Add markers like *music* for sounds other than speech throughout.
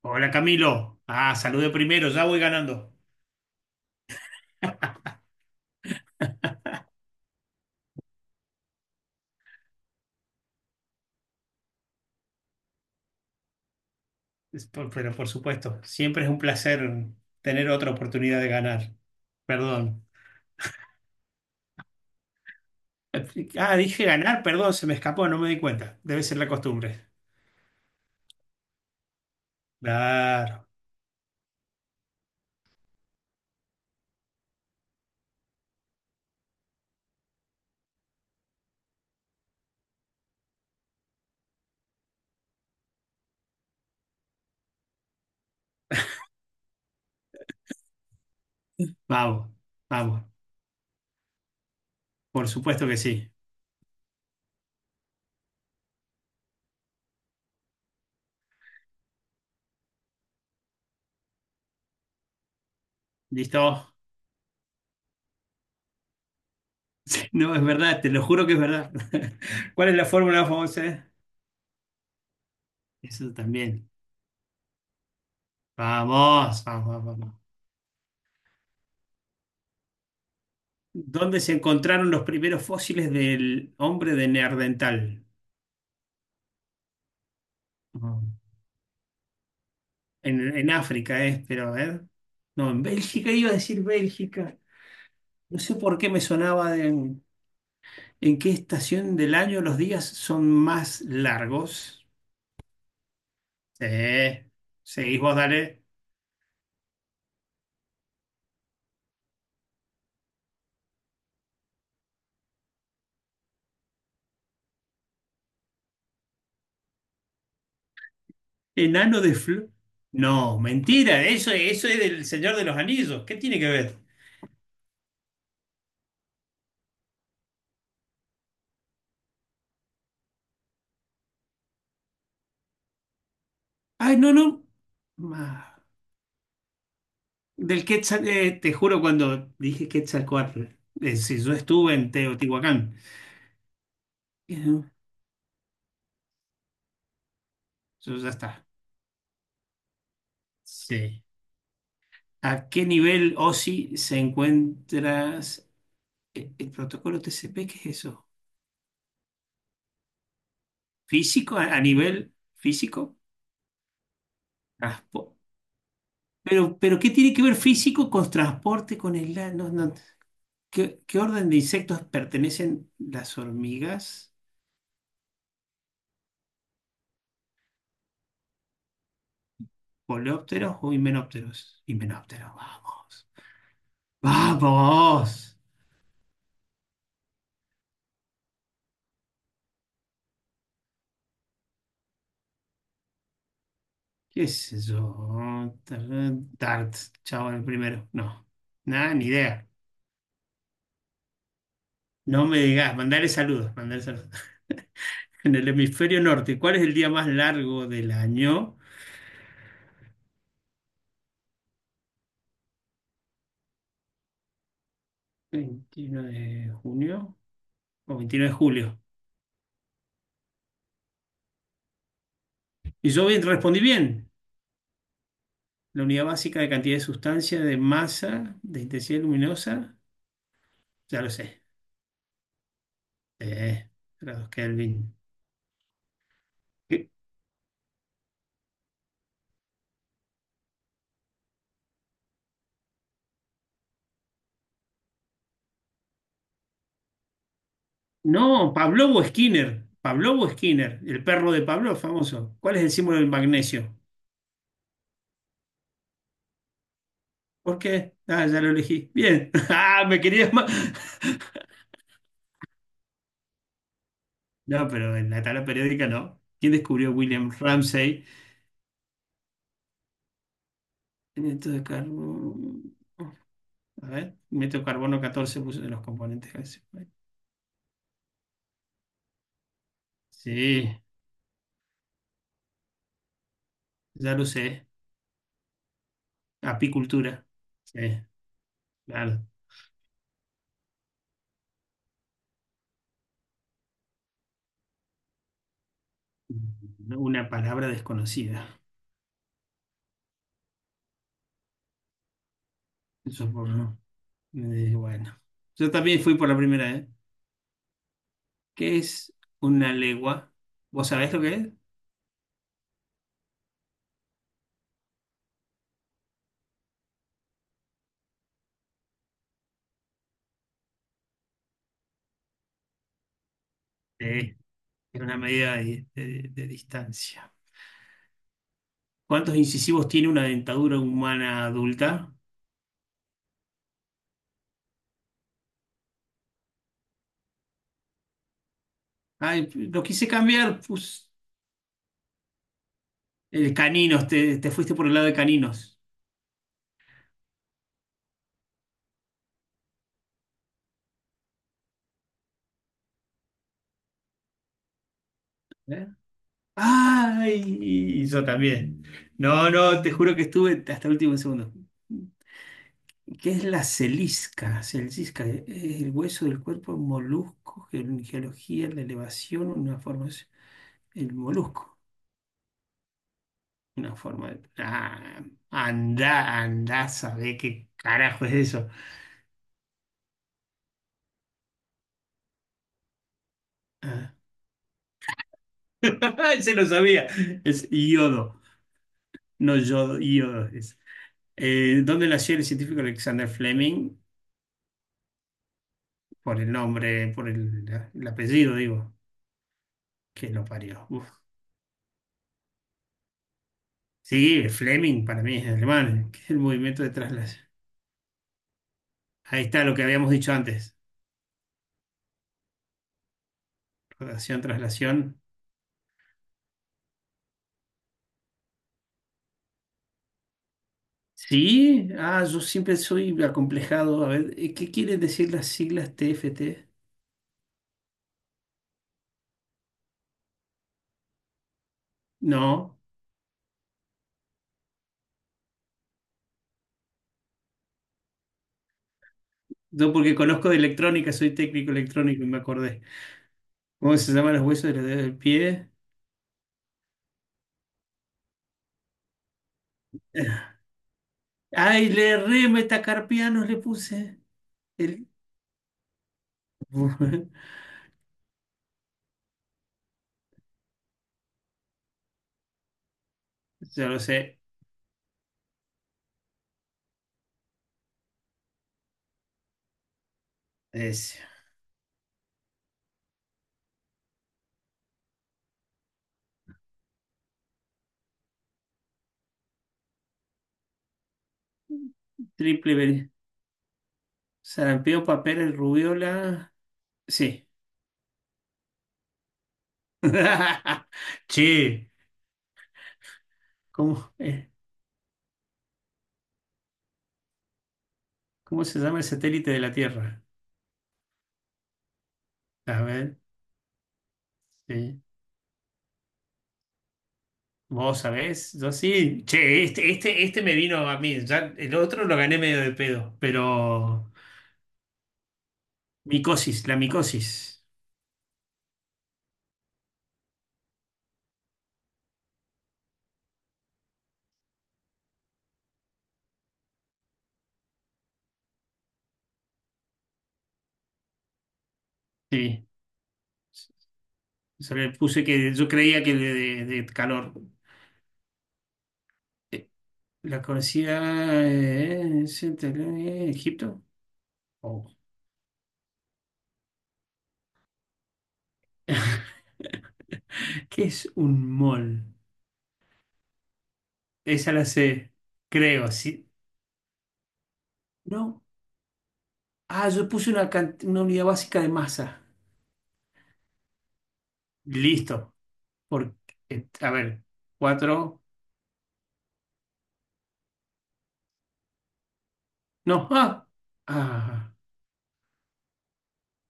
Hola Camilo. Ah, salude primero, ya voy ganando. Pero por supuesto, siempre es un placer tener otra oportunidad de ganar. Perdón. Ah, dije ganar, perdón, se me escapó, no me di cuenta. Debe ser la costumbre. Claro. Vamos, vamos. Por supuesto que sí. ¿Listo? *laughs* No, es verdad, te lo juro que es verdad. *laughs* ¿Cuál es la fórmula famosa? Eso también. Vamos, vamos, vamos. ¿Dónde se encontraron los primeros fósiles del hombre de Neandertal? En África es, pero a ver. No, en Bélgica, iba a decir Bélgica. No sé por qué me sonaba de en qué estación del año los días son más largos. Sí. Seguís vos, dale. Enano de Flo. No, mentira, eso es del Señor de los Anillos. ¿Qué tiene que ver? Ay, no, no. Ma- Del Quetzal, te juro cuando dije Quetzalcóatl, si yo estuve en Teotihuacán. Eh, Yo ya está. Sí. ¿A qué nivel OSI se encuentra el protocolo TCP? ¿Qué es eso? ¿Físico? A nivel físico? Transpo- Pero ¿qué tiene que ver físico con transporte, con el... la- no, no? ¿Qué, qué orden de insectos pertenecen las hormigas? ¿Coleópteros o himenópteros? Himenópteros, vamos. ¡Vamos! ¿Qué es eso? Dart, chavo, el primero. No, nada, ni idea. No me digas, mandale saludos, mandale saludos. En el hemisferio norte, ¿cuál es el día más largo del año? 21 de junio o 29 de julio. Y yo bien, respondí bien. La unidad básica de cantidad de sustancia, de masa, de intensidad luminosa, ya lo sé. Eh, grados Kelvin. ¿Qué? No, Pavlov o Skinner. Pavlov o Skinner, el perro de Pavlov, famoso. ¿Cuál es el símbolo del magnesio? ¿Por qué? Ah, ya lo elegí. Bien. *laughs* Ah, me querías más. No, pero en la tabla periódica no. ¿Quién descubrió William Ramsay? Hidrato de carbono. A ver, meto carbono 14, puse de los componentes, ese. Sí, ya lo sé. Apicultura. Sí, claro. Una palabra desconocida. Eso por no. Bueno. Yo también fui por la primera, ¿eh? ¿Qué es una legua? ¿Vos sabés lo que es? Sí. Es una medida de, de distancia. ¿Cuántos incisivos tiene una dentadura humana adulta? Ay, lo quise cambiar, pues. El caninos, te fuiste por el lado de caninos. ¿Eh? Ay, y yo también. No, no, te juro que estuve hasta el último segundo. ¿Qué es la celisca? Celisca, es el hueso del cuerpo, un molusco, geología, la elevación, una forma, es el molusco, una forma de... Ah, anda, anda, sabe qué carajo es eso. Ah, *laughs* se lo sabía, es yodo, no yodo, yodo. ¿Dónde nació el científico Alexander Fleming? Por el nombre, por el apellido, digo, que lo parió. Uf. Sí, Fleming para mí es alemán, que es el movimiento de traslación. Ahí está lo que habíamos dicho antes, rotación, traslación. Sí, ah, yo siempre soy acomplejado. A ver, ¿qué quieren decir las siglas TFT? No, yo porque conozco de electrónica, soy técnico electrónico y me acordé. ¿Cómo se llaman los huesos de los dedos del pie? Ah, ay, le re metacarpianos le puse. El, *laughs* yo lo sé. Es triple ver- sarampión, papeles, rubiola. Sí. *laughs* Che, ¿cómo, cómo se llama el satélite de la Tierra? A ver, sí. ¿Vos sabés? Yo sí. Che, este me vino a mí. Ya el otro lo gané medio de pedo, pero micosis, la micosis. Sí. Se le puse que yo creía que de, de calor. Eh, La conocida, Egipto. Oh. ¿Qué es un mol? Esa la sé, creo, sí. No. Ah, yo puse una, can- una unidad básica de masa. Listo. Por, a ver, cuatro. No. Ah. Ah.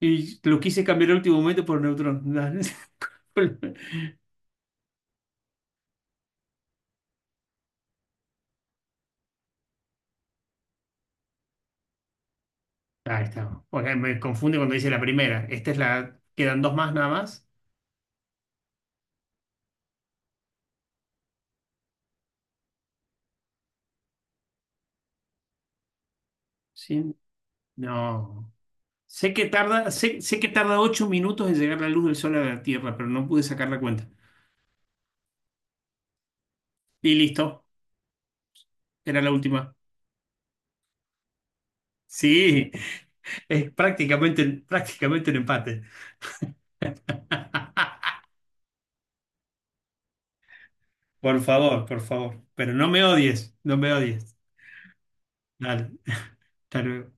Y lo quise cambiar al último momento por neutrón. *laughs* Dale. Ahí está. Porque me confunde cuando dice la primera. Esta es la. Quedan dos más nada más. Sí. No. Sé que tarda, sé que tarda 8 minutos en llegar la luz del sol a la Tierra, pero no pude sacar la cuenta. Y listo. Era la última. Sí, es prácticamente, prácticamente un empate. *laughs* Por favor, por favor. Pero no me odies, no me odies. Dale, hasta luego.